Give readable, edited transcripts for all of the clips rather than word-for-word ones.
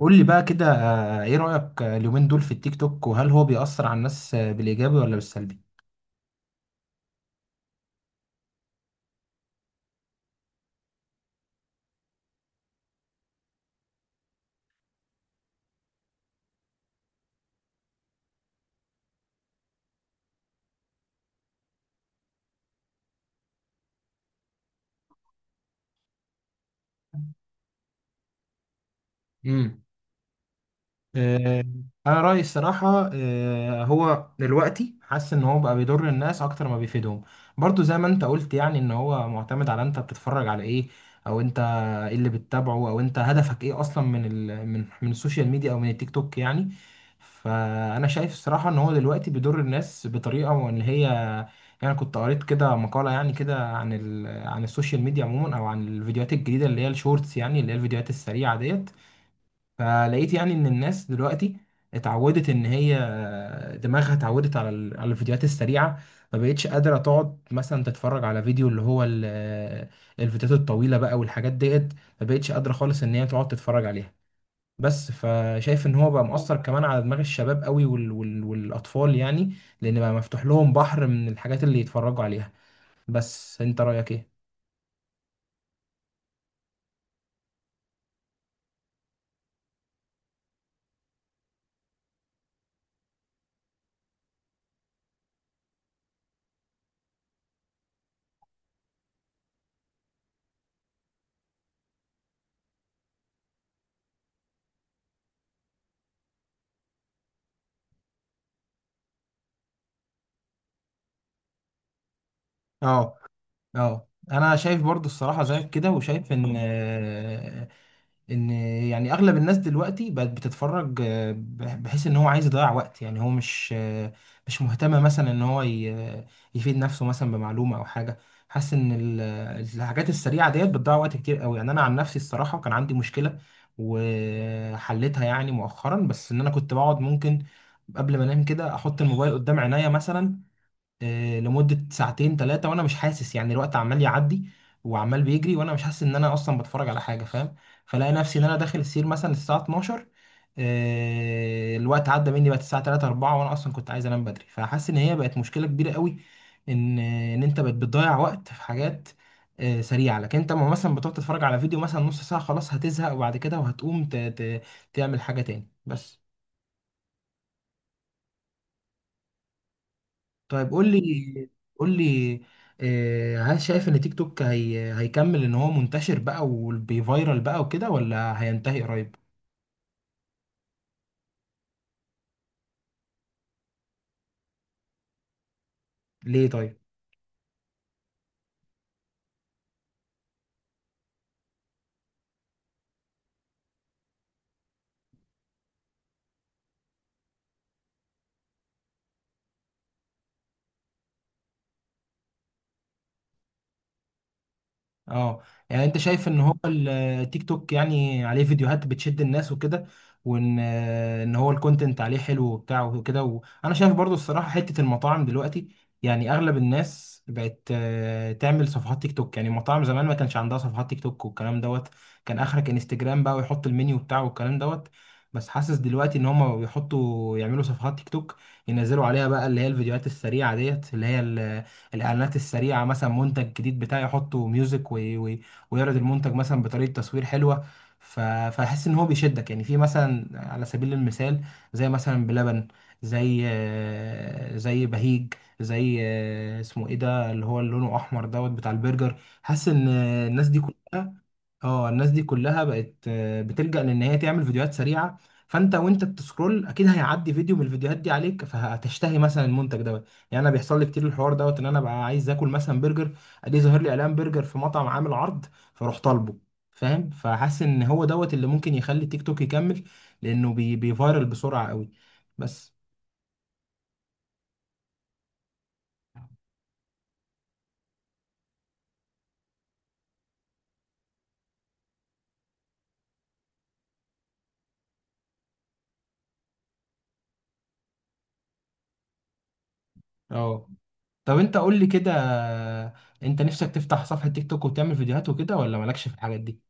قول لي بقى كده ايه رأيك اليومين دول في التيك توك، وهل هو بيأثر على الناس بالإيجابي ولا بالسلبي؟ مم. آه، انا رايي الصراحه هو دلوقتي حاسس ان هو بقى بيضر الناس اكتر ما بيفيدهم. برضو زي ما انت قلت يعني ان هو معتمد على انت بتتفرج على ايه، او انت ايه اللي بتتابعه، او انت هدفك ايه اصلا من ال من من السوشيال ميديا او من التيك توك يعني. فانا شايف الصراحه ان هو دلوقتي بيضر الناس بطريقه، وان هي يعني كنت قريت كده مقاله يعني كده عن عن السوشيال ميديا عموما، او عن الفيديوهات الجديده اللي هي الشورتس، يعني اللي هي الفيديوهات السريعه ديت. فلقيت يعني ان الناس دلوقتي اتعودت ان هي دماغها اتعودت على الفيديوهات السريعه. ما بقتش قادره تقعد مثلا تتفرج على فيديو اللي هو الفيديوهات الطويله بقى والحاجات ديت، ما بقتش قادره خالص ان هي تقعد تتفرج عليها بس. فشايف ان هو بقى مؤثر كمان على دماغ الشباب قوي والاطفال يعني، لان بقى مفتوح لهم بحر من الحاجات اللي يتفرجوا عليها. بس انت رايك ايه؟ اه. اه انا شايف برضو الصراحه زيك كده، وشايف ان ان يعني اغلب الناس دلوقتي بقت بتتفرج بحيث ان هو عايز يضيع وقت، يعني هو مش مش مهتم مثلا ان هو يفيد نفسه مثلا بمعلومه او حاجه. حاسس ان الحاجات السريعه ديت بتضيع وقت كتير قوي. يعني انا عن نفسي الصراحه كان عندي مشكله وحلتها يعني مؤخرا، بس ان انا كنت بقعد ممكن قبل ما انام كده احط الموبايل قدام عينيا مثلا لمدة ساعتين ثلاثة وانا مش حاسس يعني، الوقت عمال يعدي وعمال بيجري وانا مش حاسس ان انا اصلا بتفرج على حاجة، فاهم. فلاقي نفسي ان انا داخل السير مثلا الساعة 12 الوقت عدى مني بقت الساعة 3 4، وانا اصلا كنت عايز انام بدري، فحاسس ان هي بقت مشكلة كبيرة قوي. ان انت بقت بتضيع وقت في حاجات سريعة، لكن انت لما مثلا بتقعد تتفرج على فيديو مثلا نص ساعة خلاص هتزهق، وبعد كده وهتقوم تعمل حاجة تاني بس. طيب قول لي، قول لي هل شايف ان تيك توك هي هيكمل ان هو منتشر بقى وبيفيرال بقى وكده، ولا هينتهي قريب؟ ليه طيب؟ اه، يعني انت شايف ان هو التيك توك يعني عليه فيديوهات بتشد الناس وكده، وان ان هو الكونتنت عليه حلو وبتاع وكده. وانا شايف برضو الصراحة حتة المطاعم دلوقتي، يعني اغلب الناس بقت تعمل صفحات تيك توك. يعني المطاعم زمان ما كانش عندها صفحات تيك توك والكلام دوت، كان اخرك انستجرام بقى، ويحط المنيو بتاعه والكلام دوت. بس حاسس دلوقتي ان هم بيحطوا يعملوا صفحات تيك توك، ينزلوا عليها بقى اللي هي الفيديوهات السريعة ديت، اللي هي الاعلانات السريعه، مثلا منتج جديد بتاعي يحطه ميوزك ويعرض المنتج مثلا بطريقه تصوير حلوه. فاحس ان هو بيشدك يعني، في مثلا على سبيل المثال زي مثلا بلبن، زي زي بهيج، زي اسمه ايه ده اللي هو اللي لونه احمر دوت بتاع البرجر. حاسس ان الناس دي كلها، اه الناس دي كلها بقت بتلجأ لان هي تعمل فيديوهات سريعه. فانت وانت بتسكرول اكيد هيعدي فيديو من الفيديوهات دي عليك، فهتشتهي مثلا المنتج دوت. يعني انا بيحصل لي كتير الحوار دوت، ان انا بقى عايز اكل مثلا برجر، ادي ظاهر لي اعلان برجر في مطعم عامل عرض، فاروح طالبه، فاهم. فحاسس ان هو دوت اللي ممكن يخلي تيك توك يكمل، لانه بيفايرل بسرعه قوي بس. اه. طب انت قول لي كده، انت نفسك تفتح صفحه تيك توك وتعمل فيديوهات وكده، ولا مالكش في الحاجات دي؟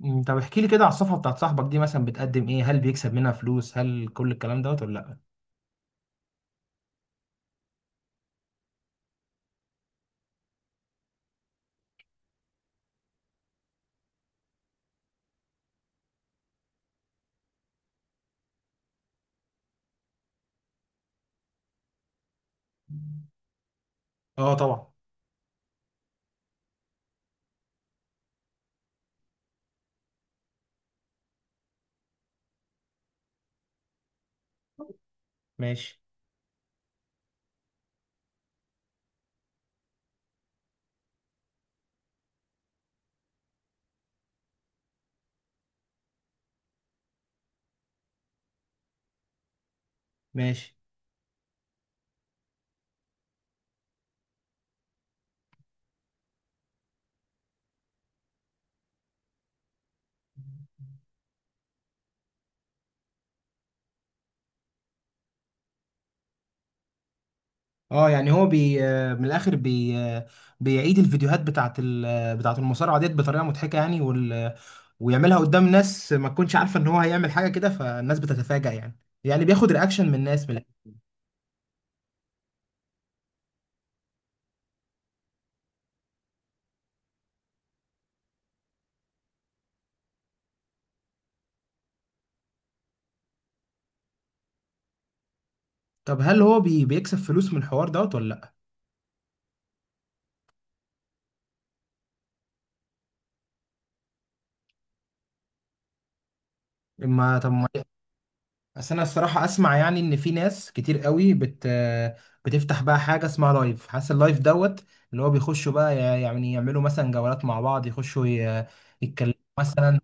مم، طب احكي لي كده على الصفحة بتاعت صاحبك دي، مثلا بتقدم ايه، هل بيكسب منها فلوس، هل كل الكلام دوت ولا لا؟ اه طبعا. ماشي. ماشي. اه يعني هو بي آه، من الاخر بي آه، بيعيد الفيديوهات بتاعت ال... آه، بتاعت المصارعة ديت بطريقة مضحكة يعني، وال... آه، ويعملها قدام ناس ما تكونش عارفة ان هو هيعمل حاجة كده، فالناس بتتفاجأ يعني، يعني بياخد رياكشن من الناس من الآخر. طب هل هو بيكسب فلوس من الحوار دوت ولا لا؟ ما طب ما بس انا الصراحه اسمع يعني ان في ناس كتير قوي بتفتح بقى حاجه اسمها لايف، حاسس اللايف دوت اللي هو بيخشوا بقى، يعني يعملوا مثلا جولات مع بعض، يخشوا يتكلموا مثلا.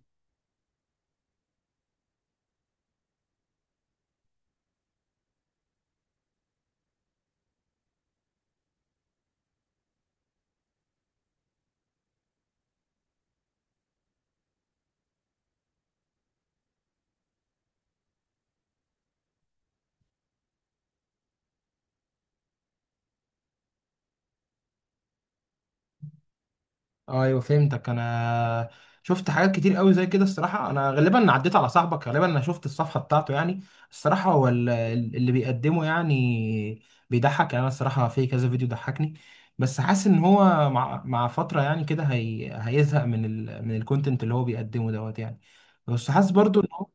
ايوه فهمتك انا. شفت حاجات كتير قوي زي كده الصراحه، انا غالبا عديت على صاحبك، غالبا انا شفت الصفحه بتاعته يعني. الصراحه هو اللي بيقدمه يعني بيضحك، يعني انا الصراحه في كذا فيديو ضحكني. بس حاسس ان هو مع فتره يعني كده هي هيزهق من من الكونتنت اللي هو بيقدمه دوت يعني. بس حاسس برضو ان هو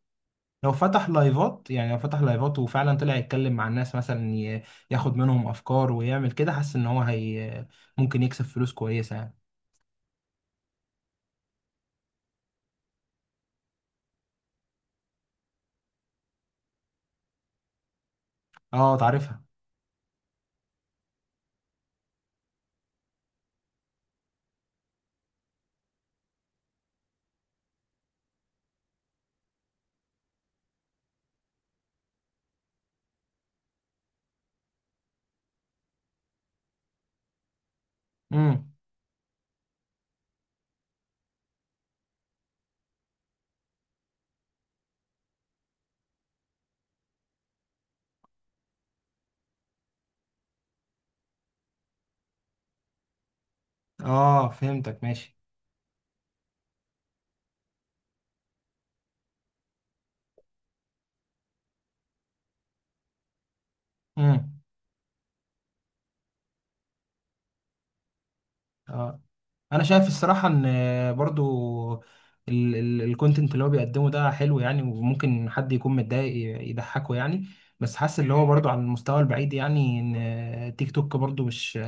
لو فتح لايفات، يعني لو فتح لايفات وفعلا طلع يتكلم مع الناس مثلا ياخد منهم افكار ويعمل كده، حاسس ان هو هي ممكن يكسب فلوس كويسه يعني. اه تعرفها. امم. اه فهمتك ماشي. امم. اه انا شايف الصراحه ان برضو الكونتنت اللي هو بيقدمه ده حلو يعني، وممكن حد يكون متضايق يضحكه يعني. بس حاسس اللي هو برضو على المستوى البعيد، يعني ان تيك توك برضو مش،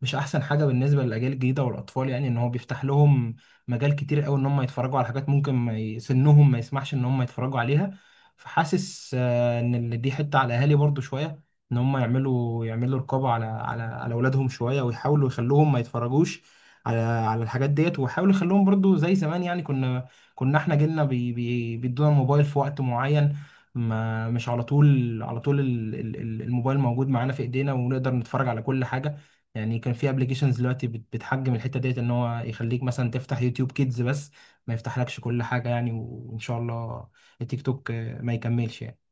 مش احسن حاجه بالنسبه للاجيال الجديده والاطفال، يعني ان هو بيفتح لهم مجال كتير قوي ان هم يتفرجوا على حاجات ممكن ما سنهم ما يسمحش ان هم يتفرجوا عليها. فحاسس ان دي حته على الاهالي برضو شويه، ان هم يعملوا رقابه على اولادهم شويه، ويحاولوا يخلوهم ما يتفرجوش على الحاجات ديت، ويحاولوا يخلوهم برضو زي زمان. يعني كنا احنا جيلنا بي بي بيدونا الموبايل في وقت معين، ما مش على طول، على طول الموبايل موجود معانا في ايدينا ونقدر نتفرج على كل حاجه. يعني كان في ابلكيشنز دلوقتي بتحجم الحته ديت، ان هو يخليك مثلا تفتح يوتيوب كيدز بس، ما يفتحلكش كل حاجه يعني. وان شاء الله التيك توك ما يكملش يعني.